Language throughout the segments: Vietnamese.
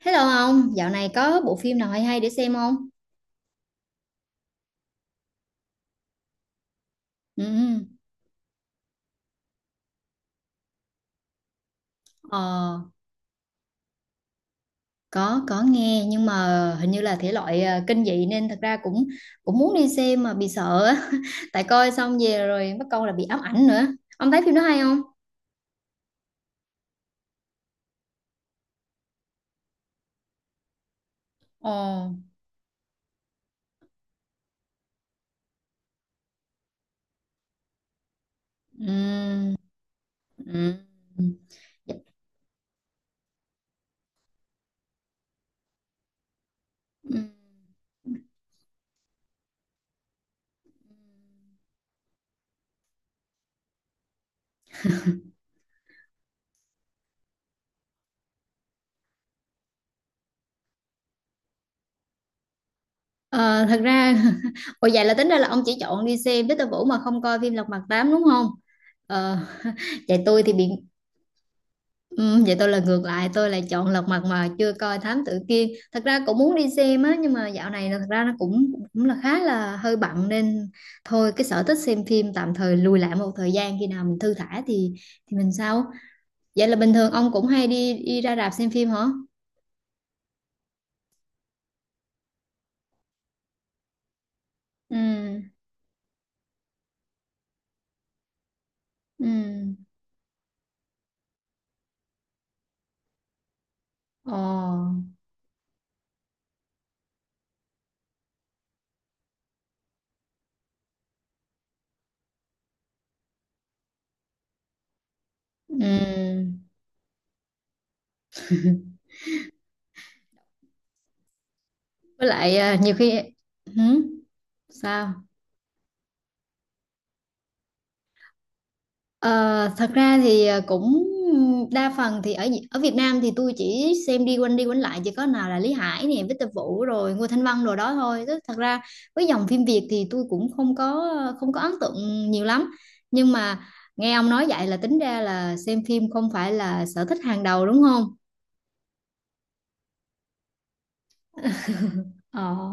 Hello ông, dạo này có bộ phim nào hay hay để xem không? Ừ, ừ. ờ, có nghe nhưng mà hình như là thể loại kinh dị nên thật ra cũng cũng muốn đi xem mà bị sợ á. Tại coi xong về rồi bắt câu là bị ám ảnh nữa. Ông thấy phim đó hay không? Ồ. Ừm. Ừm. Ừm. Ờ, thật ra. Ồ, vậy là tính ra là ông chỉ chọn đi xem Victor Vũ mà không coi phim Lật Mặt 8 đúng không? Ờ, Vậy tôi thì bị. Ừ, vậy tôi là ngược lại, tôi lại chọn Lật Mặt mà chưa coi Thám Tử Kiên, thật ra cũng muốn đi xem á nhưng mà dạo này là, thật ra nó cũng cũng là khá là hơi bận nên thôi, cái sở thích xem phim tạm thời lùi lại một thời gian, khi nào mình thư thả thì mình sau. Vậy là bình thường ông cũng hay đi đi ra rạp xem phim hả? Ừ. Ừ. Ồ. Ừ. Với lại, nhiều khi. Hử? Sao? Ờ, Thật ra thì cũng đa phần thì ở ở Việt Nam thì tôi chỉ xem đi quanh lại, chỉ có nào là Lý Hải nè, Victor Vũ rồi Ngô Thanh Vân rồi đó thôi. Tức thật ra với dòng phim Việt thì tôi cũng không có ấn tượng nhiều lắm. Nhưng mà nghe ông nói vậy là tính ra là xem phim không phải là sở thích hàng đầu đúng không? Ờ.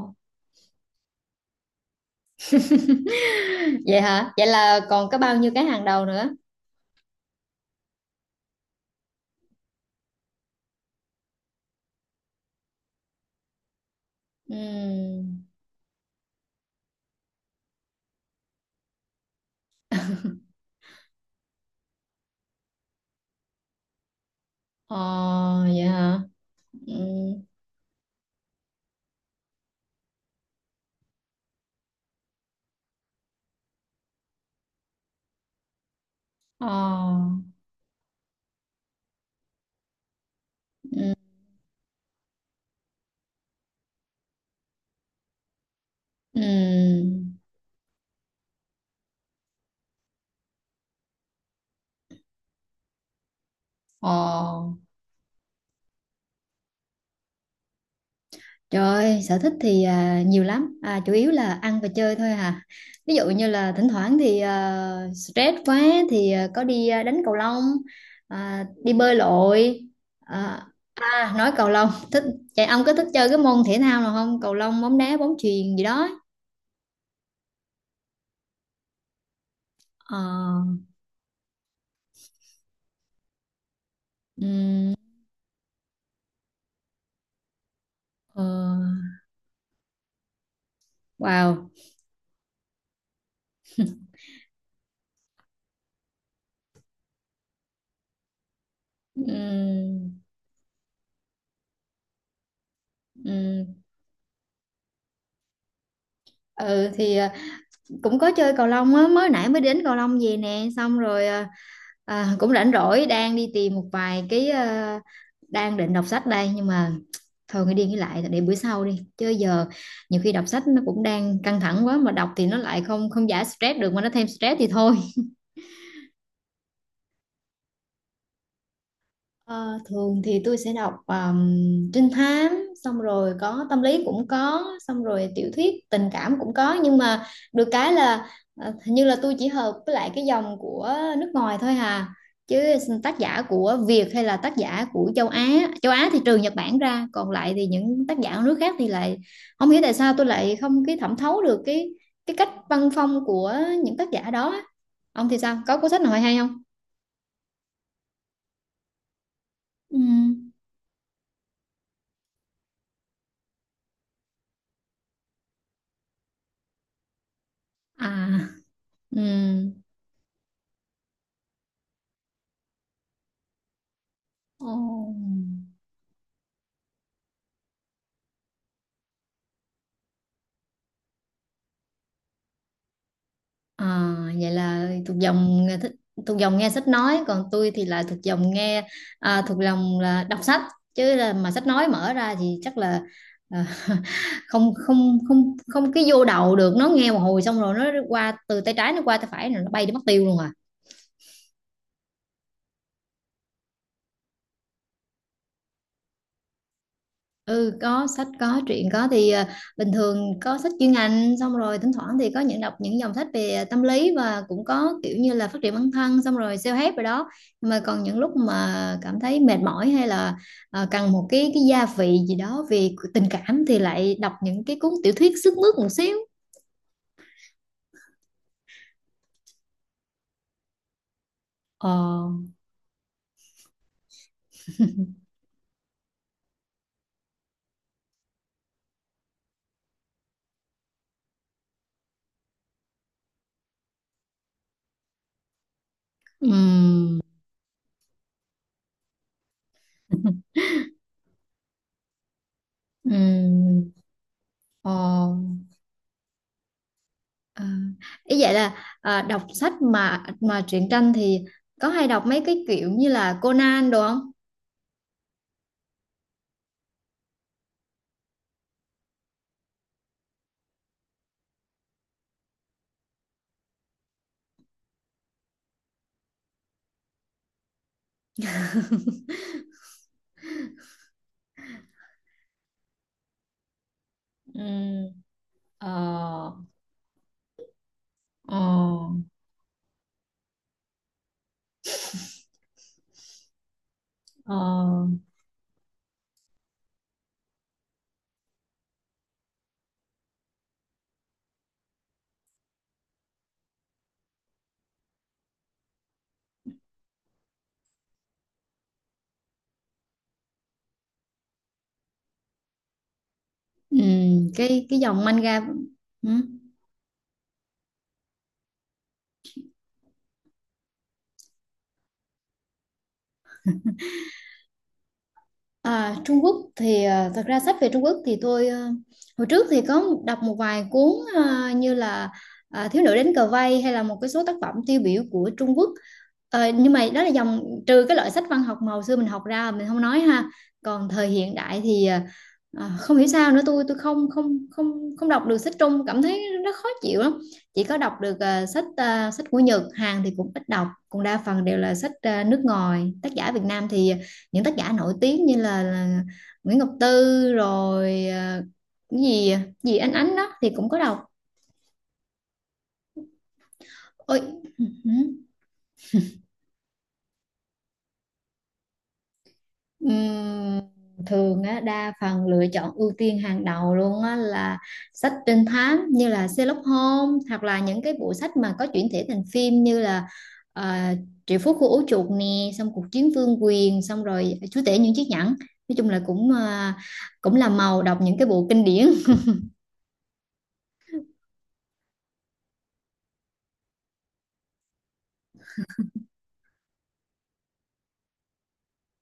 Vậy hả? Vậy là còn có bao nhiêu cái hàng đầu nữa? Ừm. Ờ, vậy hả? Ừm. Ờ. Ừm. Ừm. Ờ, Trời ơi, sở thích thì nhiều lắm, chủ yếu là ăn và chơi thôi à. Ví dụ như là thỉnh thoảng thì stress quá thì có đi đánh cầu lông, đi bơi lội. À, nói cầu lông, thích, chạy. Ông có thích chơi cái môn thể thao nào không? Cầu lông, bóng đá, bóng chuyền gì đó. Ờ. Ừm. Ờ. Wow. Ừm. Ừm. Ừ thì cũng có chơi cầu lông á, mới nãy mới đến cầu lông về nè, xong rồi cũng rảnh rỗi đang đi tìm một vài cái, đang định đọc sách đây nhưng mà thôi, nghĩ đi nghĩ lại để bữa sau đi chứ giờ nhiều khi đọc sách nó cũng đang căng thẳng quá mà đọc thì nó lại không không giải stress được mà nó thêm stress thì thôi. Ờ, Thường thì tôi sẽ đọc trinh thám, xong rồi có tâm lý cũng có, xong rồi tiểu thuyết tình cảm cũng có, nhưng mà được cái là hình như là tôi chỉ hợp với lại cái dòng của nước ngoài thôi hà, chứ tác giả của Việt hay là tác giả của châu Á, châu Á thì trừ Nhật Bản ra, còn lại thì những tác giả ở nước khác thì lại không hiểu tại sao tôi lại không cái thẩm thấu được cái cách văn phong của những tác giả đó á. Ông thì sao, có cuốn sách nào hay hay không? Ừ. À. Ừ. Ồ. À, vậy là thuộc dòng nghe thích, thuộc dòng nghe sách nói, còn tôi thì là thuộc dòng nghe, thuộc lòng là đọc sách, chứ là mà sách nói mở ra thì chắc là à, không không không không cái vô đầu được, nó nghe một hồi xong rồi nó qua từ tay trái, nó qua tay phải rồi nó bay đi mất tiêu luôn à. Ừ, có sách có truyện có thì bình thường có sách chuyên ngành, xong rồi thỉnh thoảng thì có những đọc những dòng sách về tâm lý, và cũng có kiểu như là phát triển bản thân xong rồi self-help rồi đó, nhưng mà còn những lúc mà cảm thấy mệt mỏi hay là cần một cái gia vị gì đó về tình cảm thì lại đọc những cái cuốn tiểu thuyết sức mướt một xíu. Ờ. Ừm. Ừm. Ờ. Ờ. Ý vậy là đọc sách mà truyện tranh thì có hay đọc mấy cái kiểu như là Conan đồ không? Ừ. Ờ. Ờ. Ờ. Ừ, cái dòng manga. Ừ. À, Trung Quốc thì thật ra sách về Trung Quốc thì tôi hồi trước thì có đọc một vài cuốn, như là Thiếu nữ đến cờ vây, hay là một cái số tác phẩm tiêu biểu của Trung Quốc. Nhưng mà đó là dòng, trừ cái loại sách văn học mà hồi xưa mình học ra mình không nói ha, còn thời hiện đại thì không hiểu sao nữa, tôi không không không không đọc được sách Trung, cảm thấy nó khó chịu lắm, chỉ có đọc được sách của Nhật Hàn thì cũng ít đọc, còn đa phần đều là sách nước ngoài, tác giả Việt Nam thì những tác giả nổi tiếng như là Nguyễn Ngọc Tư rồi cái gì gì Ánh Ánh đó thì cũng có đọc. Ôi, ừm, thường á, đa phần lựa chọn ưu tiên hàng đầu luôn á, là sách trinh thám như là Sherlock Holmes, hoặc là những cái bộ sách mà có chuyển thể thành phim như là uh, Triệu Phú Khu Ố Chuột nè, xong Cuộc Chiến Vương Quyền, xong rồi Chúa Tể Những Chiếc Nhẫn. Nói chung là cũng là màu đọc những cái bộ kinh điển.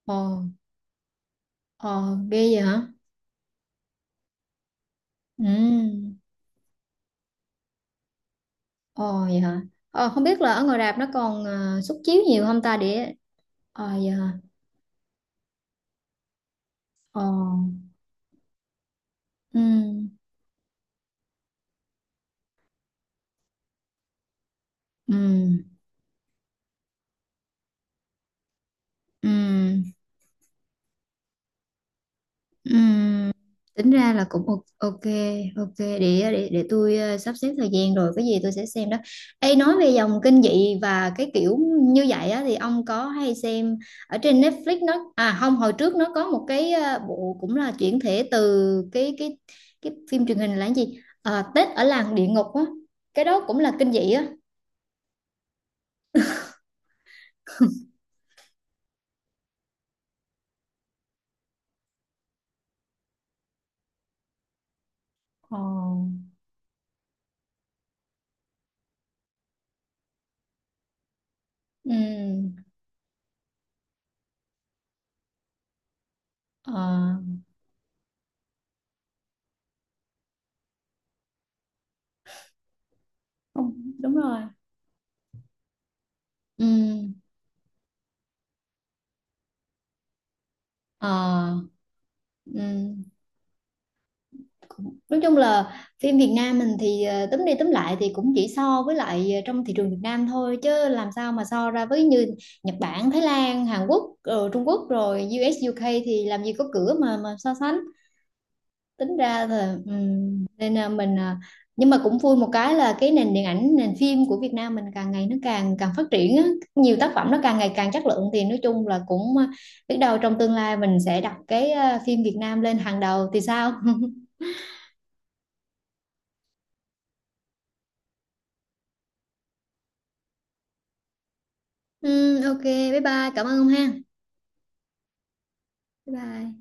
Ồ. Ồ, ghê vậy hả? Ừ. Ồ, vậy hả? Không biết là ở ngoài rạp nó còn suất chiếu nhiều không ta để. Vậy hả? Ồ. Ừ. Ừ. Ừ. Ừm, tính ra là cũng o- ok ok. Để tôi sắp xếp thời gian rồi cái gì tôi sẽ xem đó. Ê, nói về dòng kinh dị và cái kiểu như vậy á thì ông có hay xem ở trên Netflix nó à không, hồi trước nó có một cái, bộ cũng là chuyển thể từ cái phim truyền hình là cái gì? Ờ, Tết ở làng địa ngục á. Cái đó cũng là kinh dị á. Ờ. Ừm. ờ, Không, đúng rồi. Ừm. Ờ. Ừm. Nói chung là phim Việt Nam mình thì túm đi túm lại thì cũng chỉ so với lại trong thị trường Việt Nam thôi, chứ làm sao mà so ra với như Nhật Bản, Thái Lan, Hàn Quốc, Trung Quốc rồi U.S, UK thì làm gì có cửa mà so sánh. Tính ra là nên là mình, nhưng mà cũng vui một cái là cái nền điện ảnh, nền phim của Việt Nam mình càng ngày nó càng càng phát triển á, nhiều tác phẩm nó càng ngày càng chất lượng thì nói chung là cũng, biết đâu trong tương lai mình sẽ đặt cái phim Việt Nam lên hàng đầu thì sao? Ừ, ok, bye bye, cảm ơn ông ha. Bye bye.